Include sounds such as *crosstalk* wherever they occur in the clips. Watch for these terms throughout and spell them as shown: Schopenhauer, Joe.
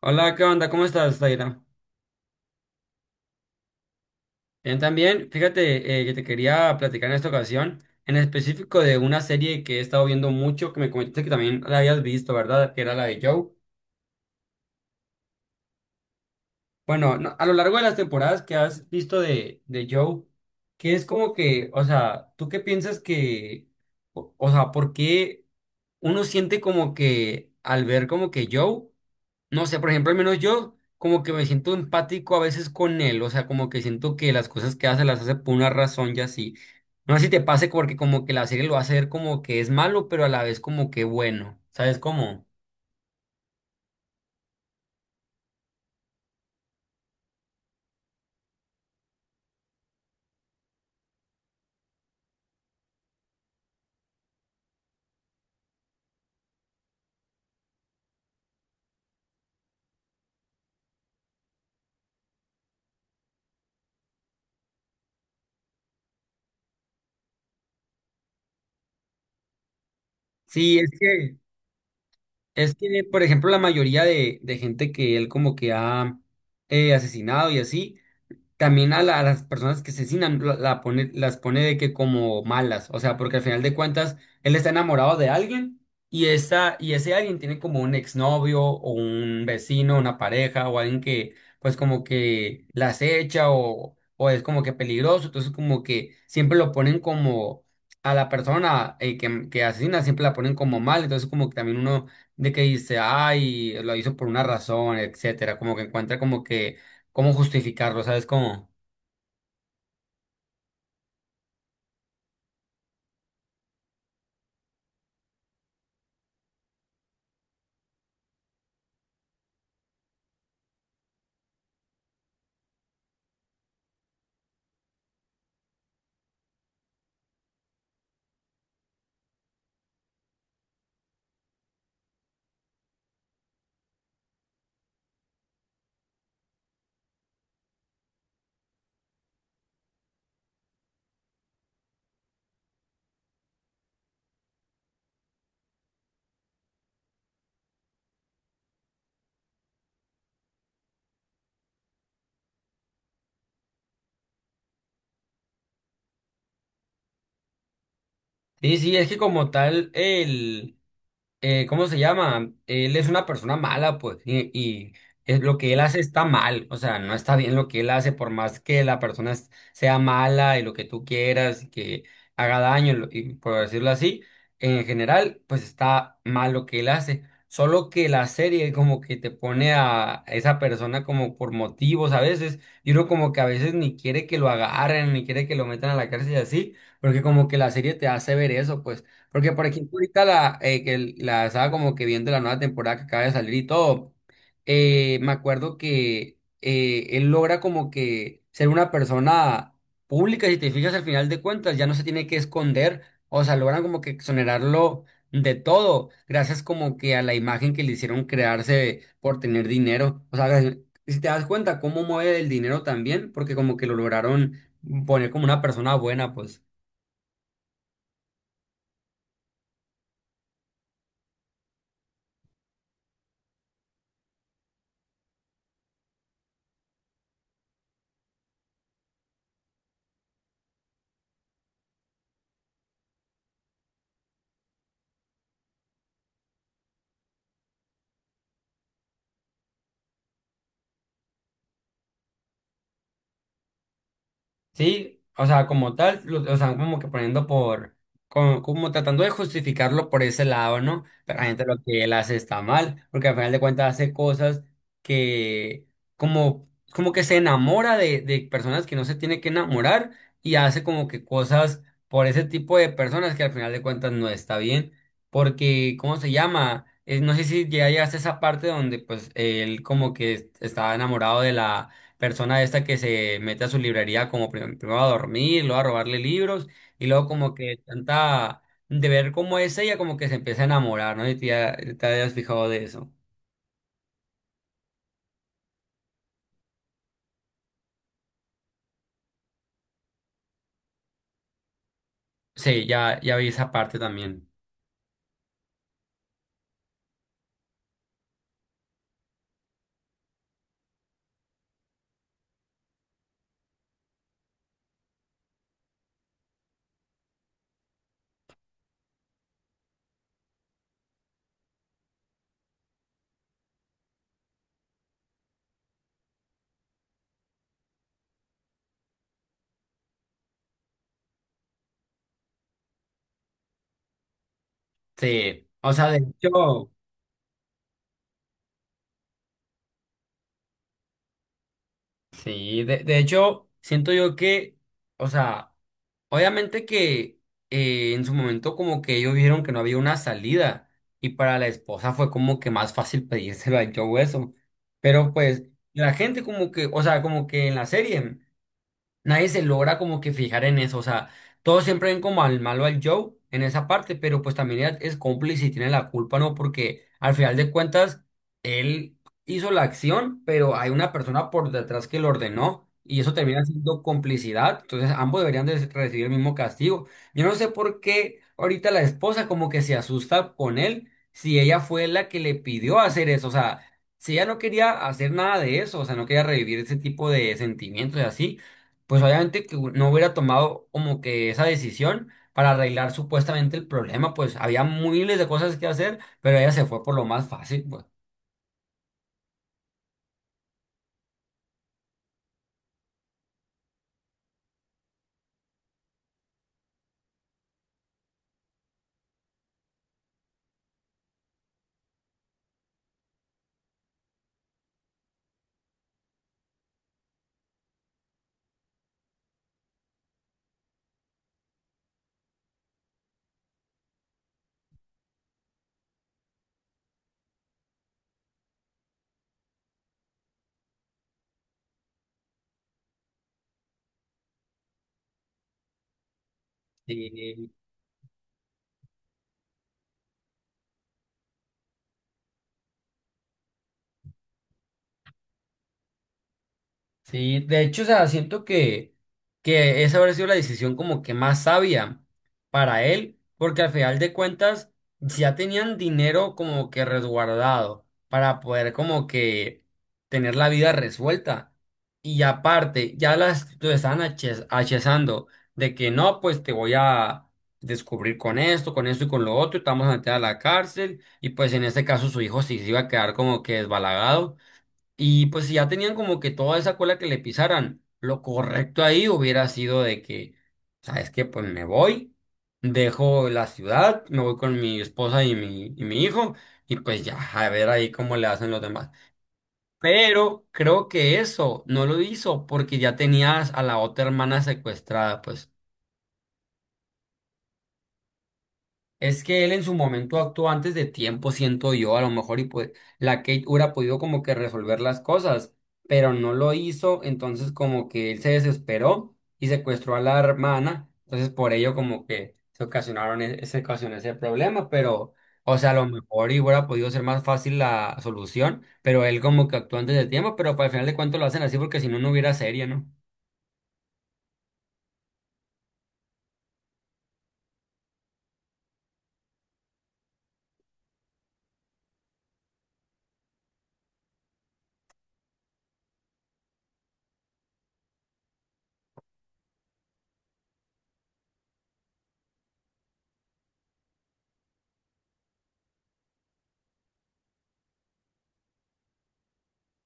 Hola, ¿qué onda? ¿Cómo estás, Taira? Bien, también, fíjate que te quería platicar en esta ocasión, en específico de una serie que he estado viendo mucho, que me comentaste que también la habías visto, ¿verdad? Que era la de Joe. Bueno, no, a lo largo de las temporadas que has visto de Joe, qué es como que, o sea, ¿tú qué piensas que, o sea, por qué uno siente como que al ver como que Joe, no sé, por ejemplo, al menos yo como que me siento empático a veces con él, o sea, como que siento que las cosas que hace las hace por una razón y así. No sé si te pase porque como que la serie lo hace ver como que es malo, pero a la vez como que bueno, ¿sabes cómo? Sí, es que... Es que, por ejemplo, la mayoría de gente que él como que ha asesinado y así, también a, a las personas que asesinan la pone, las pone de que como malas, o sea, porque al final de cuentas él está enamorado de alguien y, esa, y ese alguien tiene como un exnovio o un vecino, una pareja o alguien que pues como que la acecha o es como que peligroso, entonces como que siempre lo ponen como a la persona que asesina, siempre la ponen como mal, entonces como que también uno de que dice, ay, lo hizo por una razón, etcétera, como que encuentra como que cómo justificarlo, ¿sabes cómo? Sí, sí, es que como tal, el... ¿cómo se llama? Él es una persona mala, pues, y lo que él hace está mal, o sea, no está bien lo que él hace, por más que la persona sea mala y lo que tú quieras, y que haga daño, y por decirlo así, en general, pues está mal lo que él hace. Solo que la serie como que te pone a esa persona como por motivos a veces, y uno como que a veces ni quiere que lo agarren, ni quiere que lo metan a la cárcel y así, porque como que la serie te hace ver eso, pues. Porque, por ejemplo, ahorita la, que la estaba como que viendo la nueva temporada que acaba de salir y todo, me acuerdo que él logra como que ser una persona pública, si te fijas al final de cuentas, ya no se tiene que esconder, o sea, logran como que exonerarlo de todo, gracias como que a la imagen que le hicieron crearse por tener dinero. O sea, si te das cuenta cómo mueve el dinero también, porque como que lo lograron poner como una persona buena, pues. Sí, o sea, como tal, lo, o sea, como que poniendo por, como, como tratando de justificarlo por ese lado, ¿no? Pero realmente lo que él hace está mal, porque al final de cuentas hace cosas que, como, como que se enamora de personas que no se tiene que enamorar y hace como que cosas por ese tipo de personas que al final de cuentas no está bien, porque, ¿cómo se llama? No sé si ya llegaste a esa parte donde pues él como que estaba enamorado de la persona esta que se mete a su librería como primero a dormir, luego a robarle libros y luego como que tanta de ver cómo es ella como que se empieza a enamorar, ¿no? Y te, te habías fijado de eso. Sí, ya, ya vi esa parte también. Sí, o sea, de hecho, sí, de hecho, siento yo que, o sea, obviamente que en su momento como que ellos vieron que no había una salida y para la esposa fue como que más fácil *laughs* pedírselo a Joe eso. Pero pues la gente como que, o sea, como que en la serie nadie se logra como que fijar en eso, o sea, todos siempre ven como al malo al Joe en esa parte, pero pues también ella es cómplice y tiene la culpa, ¿no? Porque al final de cuentas, él hizo la acción, pero hay una persona por detrás que lo ordenó y eso termina siendo complicidad, entonces ambos deberían de recibir el mismo castigo. Yo no sé por qué ahorita la esposa como que se asusta con él si ella fue la que le pidió hacer eso, o sea... Si ella no quería hacer nada de eso, o sea, no quería revivir ese tipo de sentimientos y así, pues obviamente que no hubiera tomado como que esa decisión para arreglar supuestamente el problema, pues había miles de cosas que hacer, pero ella se fue por lo más fácil, pues. Sí. Sí, de hecho, o sea, siento que esa habría sido la decisión como que más sabia para él, porque al final de cuentas si ya tenían dinero como que resguardado para poder como que tener la vida resuelta. Y aparte, ya las lo estaban achezando de que no, pues te voy a descubrir con esto y con lo otro, y te vamos a meter a la cárcel, y pues en este caso su hijo sí se iba a quedar como que desbalagado. Y pues si ya tenían como que toda esa cola que le pisaran, lo correcto ahí hubiera sido de que, ¿sabes qué? Pues me voy, dejo la ciudad, me voy con mi esposa y mi hijo, y pues ya, a ver ahí cómo le hacen los demás. Pero creo que eso no lo hizo porque ya tenías a la otra hermana secuestrada, pues. Es que él en su momento actuó antes de tiempo, siento yo, a lo mejor, y pues la Kate hubiera podido como que resolver las cosas, pero no lo hizo, entonces como que él se desesperó y secuestró a la hermana, entonces por ello como que se ocasionó ese problema, pero, o sea, a lo mejor y hubiera podido ser más fácil la solución, pero él como que actuó antes de tiempo, pero pues, al final de cuentas lo hacen así porque si no, no hubiera serie, ¿no?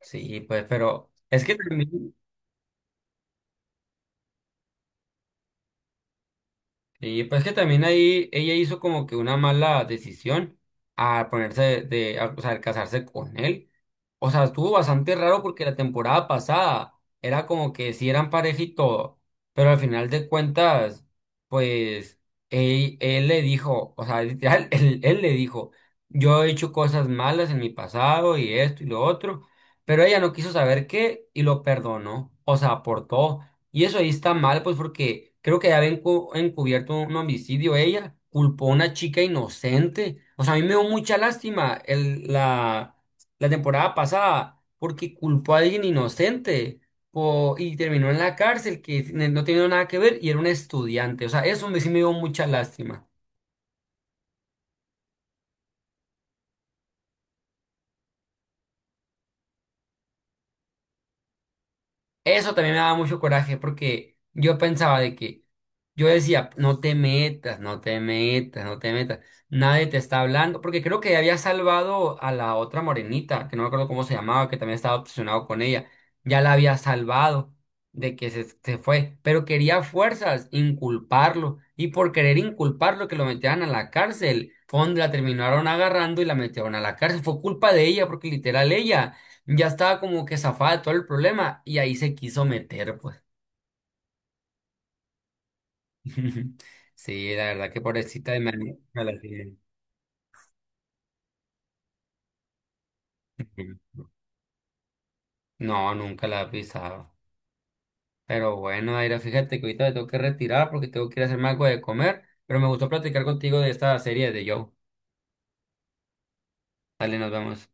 Sí, pues, pero es que también... Y pues que también ahí ella hizo como que una mala decisión al ponerse de, o sea, al casarse con él. O sea, estuvo bastante raro porque la temporada pasada era como que sí eran pareja y todo, pero al final de cuentas, pues él le dijo, o sea, literal, *laughs* él le dijo, yo he hecho cosas malas en mi pasado y esto y lo otro, pero ella no quiso saber qué y lo perdonó, o sea, aportó. Y eso ahí está mal, pues porque creo que ya había encubierto un homicidio ella, culpó a una chica inocente. O sea, a mí me dio mucha lástima la temporada pasada porque culpó a alguien inocente y terminó en la cárcel que no tenía nada que ver y era un estudiante. O sea, eso me, sí me dio mucha lástima. Eso también me daba mucho coraje porque yo pensaba de que yo decía, no te metas, no te metas, no te metas, nadie te está hablando, porque creo que había salvado a la otra morenita, que no me acuerdo cómo se llamaba, que también estaba obsesionado con ella, ya la había salvado de que se fue, pero quería a fuerzas inculparlo y por querer inculparlo que lo metieran a la cárcel, fue donde la terminaron agarrando y la metieron a la cárcel, fue culpa de ella porque literal ella. Ya estaba como que zafada de todo el problema y ahí se quiso meter, pues. *laughs* Sí, la verdad que pobrecita de Manu- me la tiene. No, nunca la he pisado. Pero bueno, Aira, fíjate que ahorita me tengo que retirar porque tengo que ir a hacerme algo de comer. Pero me gustó platicar contigo de esta serie de Joe. Dale, nos vemos.